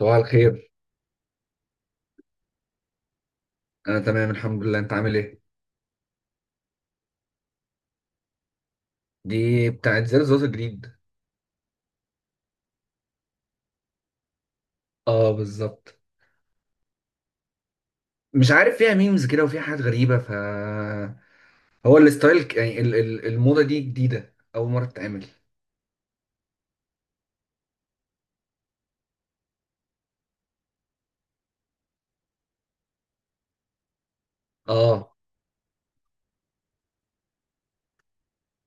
صباح الخير. انا تمام الحمد لله، انت عامل ايه؟ دي بتاعت زر زوز جديد. اه بالظبط. مش عارف، فيها ميمز كده وفيها حاجات غريبه. هو الستايل، الموضه دي جديده، اول مره تتعمل. اه،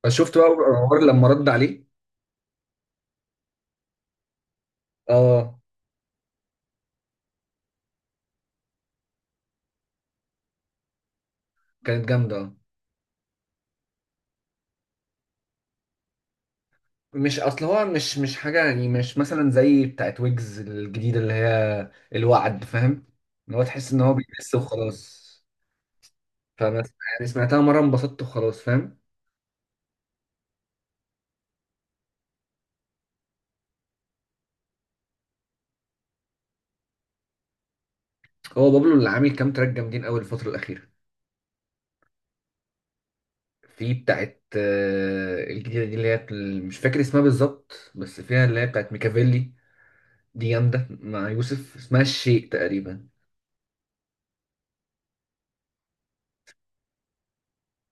فشفت بقى عمر لما رد عليه. اه كانت جامده، اه. مش، اصل هو مش حاجه، يعني مش مثلا زي بتاعت ويجز الجديده اللي هي الوعد، فاهم؟ ان هو تحس ان هو بيحس وخلاص. فمثلا يعني سمعتها مره انبسطت وخلاص، فاهم. هو بابلو اللي عامل كام تراك جامدين قوي الفترة الأخيرة. في بتاعت الجديدة دي اللي هي، مش فاكر اسمها بالظبط، بس فيها اللي هي بتاعت ميكافيلي. دي جامدة مع يوسف، اسمها الشيء تقريبا.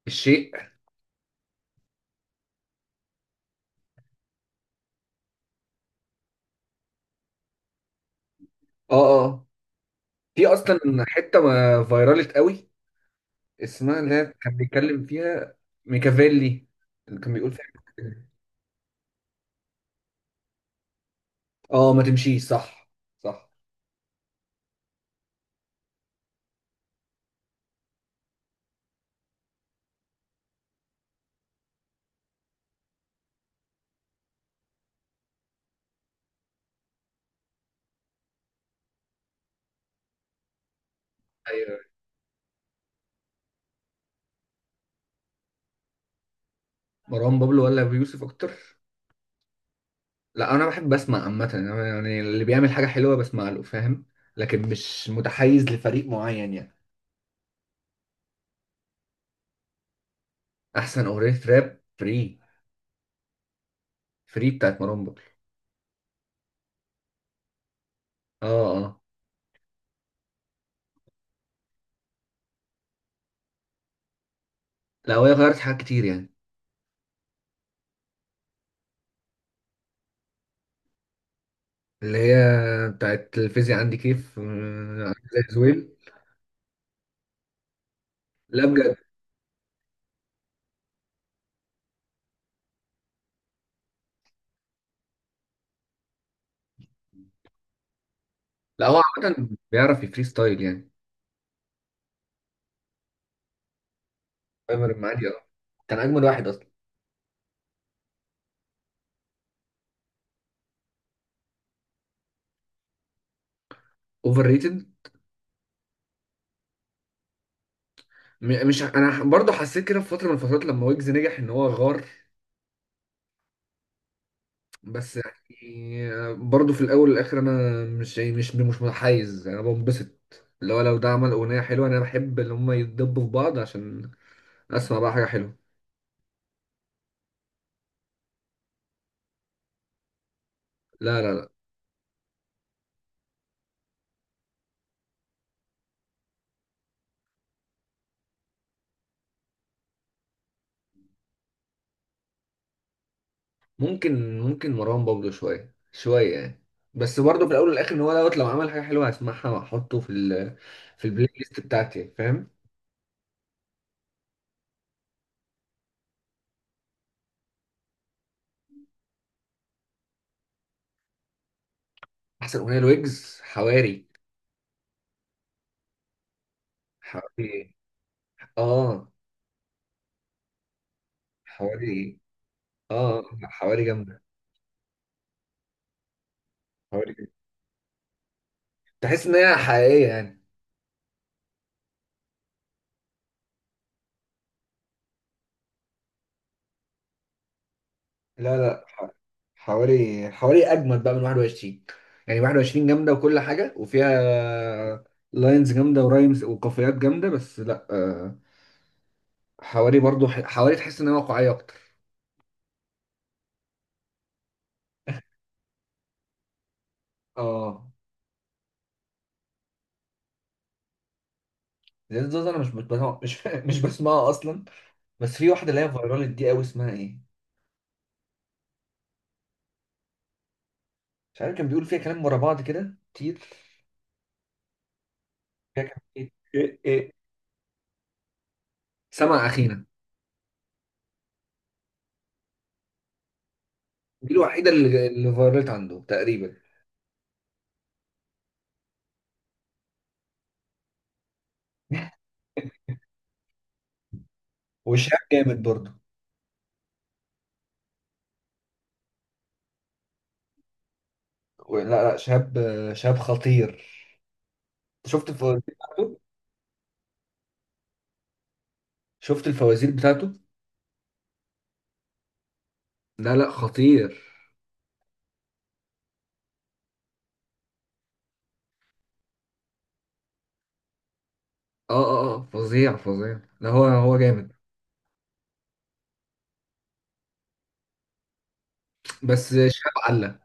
الشيء، اه. اه آه. في أصلا حتة ما فيرالت قوي، اسمها اللي هي كان بيتكلم فيها. ميكافيلي. اللي كان بيقول فيها. اه، ما تمشيش، صح. صح. ايوه. مروان بابلو ولا أبو يوسف أكتر؟ لا، انا بحب اسمع عامه، أنا يعني اللي بيعمل حاجه حلوه بسمع له، فاهم. لكن مش متحيز لفريق معين يعني. احسن اغنيه راب، فري. فري بتاعت مروان بابلو. اه، اه. لا وهي غيرت حاجات كتير يعني. اللي هي بتاعت الفيزياء عندي كيف، عامل زي زويل. لا بجد. لا هو عامه بيعرف يفري ستايل يعني. عمر المعادي، اه، كان اجمل واحد اصلا. اوفر ريتد. مش، انا برضه حسيت كده في فتره من الفترات لما ويجز نجح ان هو غار. بس. يعني برضه في الاول والاخر انا مش، يعني مش متحيز، انا بنبسط اللي هو لو ده عمل اغنيه حلوه، انا بحب ان هم يتدبوا في بعض عشان اسمع بقى حاجه حلوه. لا لا لا. ممكن مروان بابلو شويه شويه يعني. بس برضه في الاول والاخر ان هو دوت، لو عمل حاجه حلوه هسمعها واحطه في ال في البلاي ليست بتاعتي، فاهم. احسن اغنيه لويجز، حواري. حواري، اه. حواري، اه. حواري جامده. حواري جامده، تحس ان هي حقيقيه يعني. لا لا، حوالي اجمد بقى من 21. يعني 21 جامده وكل حاجه، وفيها لاينز جامده ورايمز وقافيات جامده، بس لا، حوالي برضو، حوالي تحس ان هي واقعيه اكتر. اه. زياد زوزو، انا مش بسمع، مش مش بسمعها اصلا. بس في واحده اللي هي فايرال دي قوي، اسمها ايه؟ مش عارف، كان بيقول فيها كلام ورا بعض كده كتير. فيها كان ايه ايه ايه. سمع اخينا. دي الوحيده اللي فايرالت عنده تقريبا. وشاب جامد برضو. لا لا، شاب، شاب خطير. شفت الفوازير بتاعته؟ شفت الفوازير بتاعته. لا لا، خطير. اه اه اه، فظيع فظيع. لا هو جامد. بس شاب عله.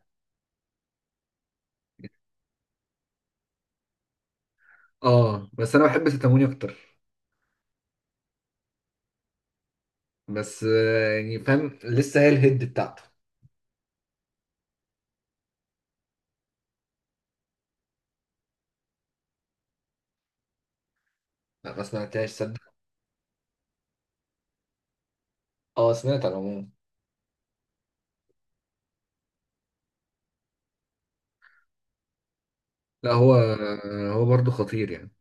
اه. بس انا بحب ستاموني اكتر. بس، يعني فاهم، لسه هي الهيد بتاعته. لا ما سمعتهاش، صدق. اه سمعت على العموم. لا هو، هو برضه خطير يعني.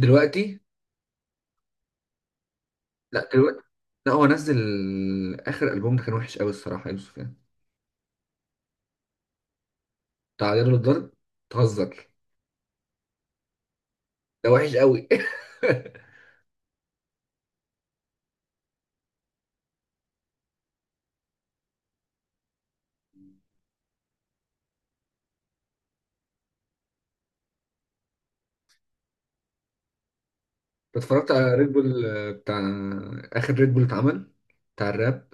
دلوقتي. لا دلوقتي. لا هو نزل اخر البوم، ده كان وحش قوي الصراحه يا يوسف يعني. تعالى له الضرب. تهزر. ده وحش قوي. اتفرجت على ريد بول، بتاع اخر ريد بول اتعمل بتاع الراب.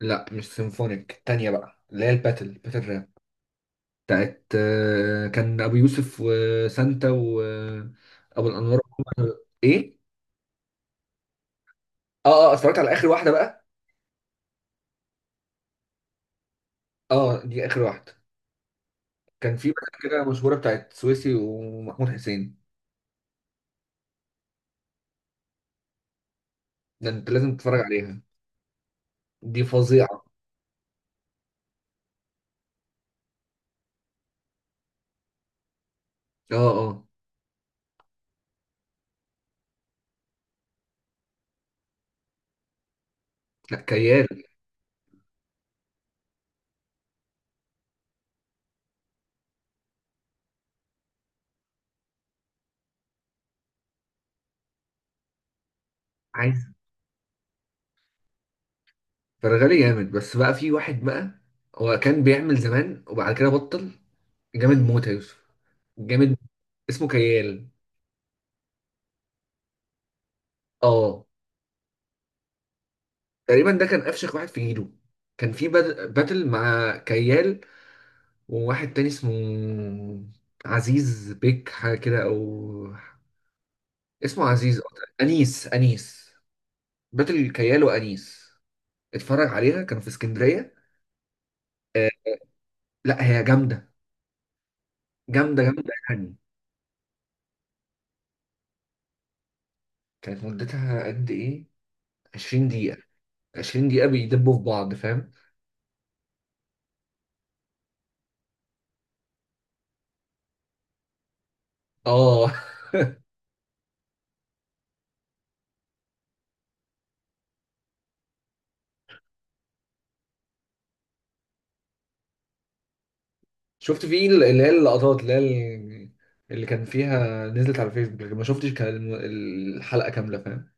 لا مش سيمفونيك، التانية بقى اللي هي الباتل باتل راب بتاعت، كان ابو يوسف وسانتا وابو الانوار. ايه. اه اه، اتفرجت على اخر واحدة بقى. اه دي اخر واحدة. كان في بقى كده مشهورة بتاعت سويسي ومحمود حسين. ده انت لازم تتفرج عليها، دي فظيعة. اه، اه. لا، كيال. عايز. فرغلي جامد، بس بقى في واحد بقى، هو كان بيعمل زمان وبعد كده بطل. جامد موت يا يوسف، جامد. اسمه كيال. اه. تقريبا ده كان افشخ واحد في جيله. كان في باتل مع كيال وواحد تاني اسمه عزيز بيك حاجه كده، او اسمه عزيز أكتر. انيس، انيس. باتل كيال وانيس. اتفرج عليها، كانوا في اسكندريه. آه. لا هي جامده، جامده جامده يعني. كانت مدتها قد ايه؟ 20 دقيقه. 20 دقيقة بيدبوا في بعض، فاهم. اه. شفت في اللي هي اللقطات، اللي هي اللي كان فيها، نزلت على فيسبوك لكن ما شفتش كان الحلقة كاملة، فاهم.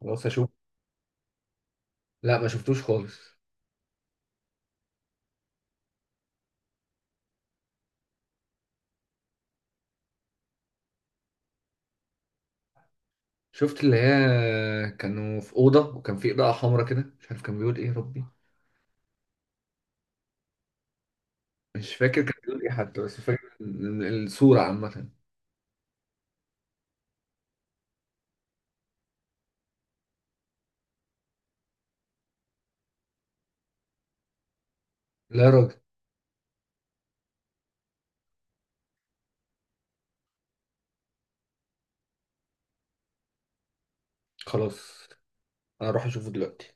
خلاص اشوف. لا ما شفتوش خالص. شفت اللي هي كانوا في أوضة وكان في إضاءة حمراء كده، مش عارف كان بيقول إيه يا ربي، مش فاكر كان بيقول إيه حتى، بس فاكر الصورة عامة. لا يا راجل. خلاص أنا أروح أشوفه دلوقتي.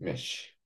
ماشي.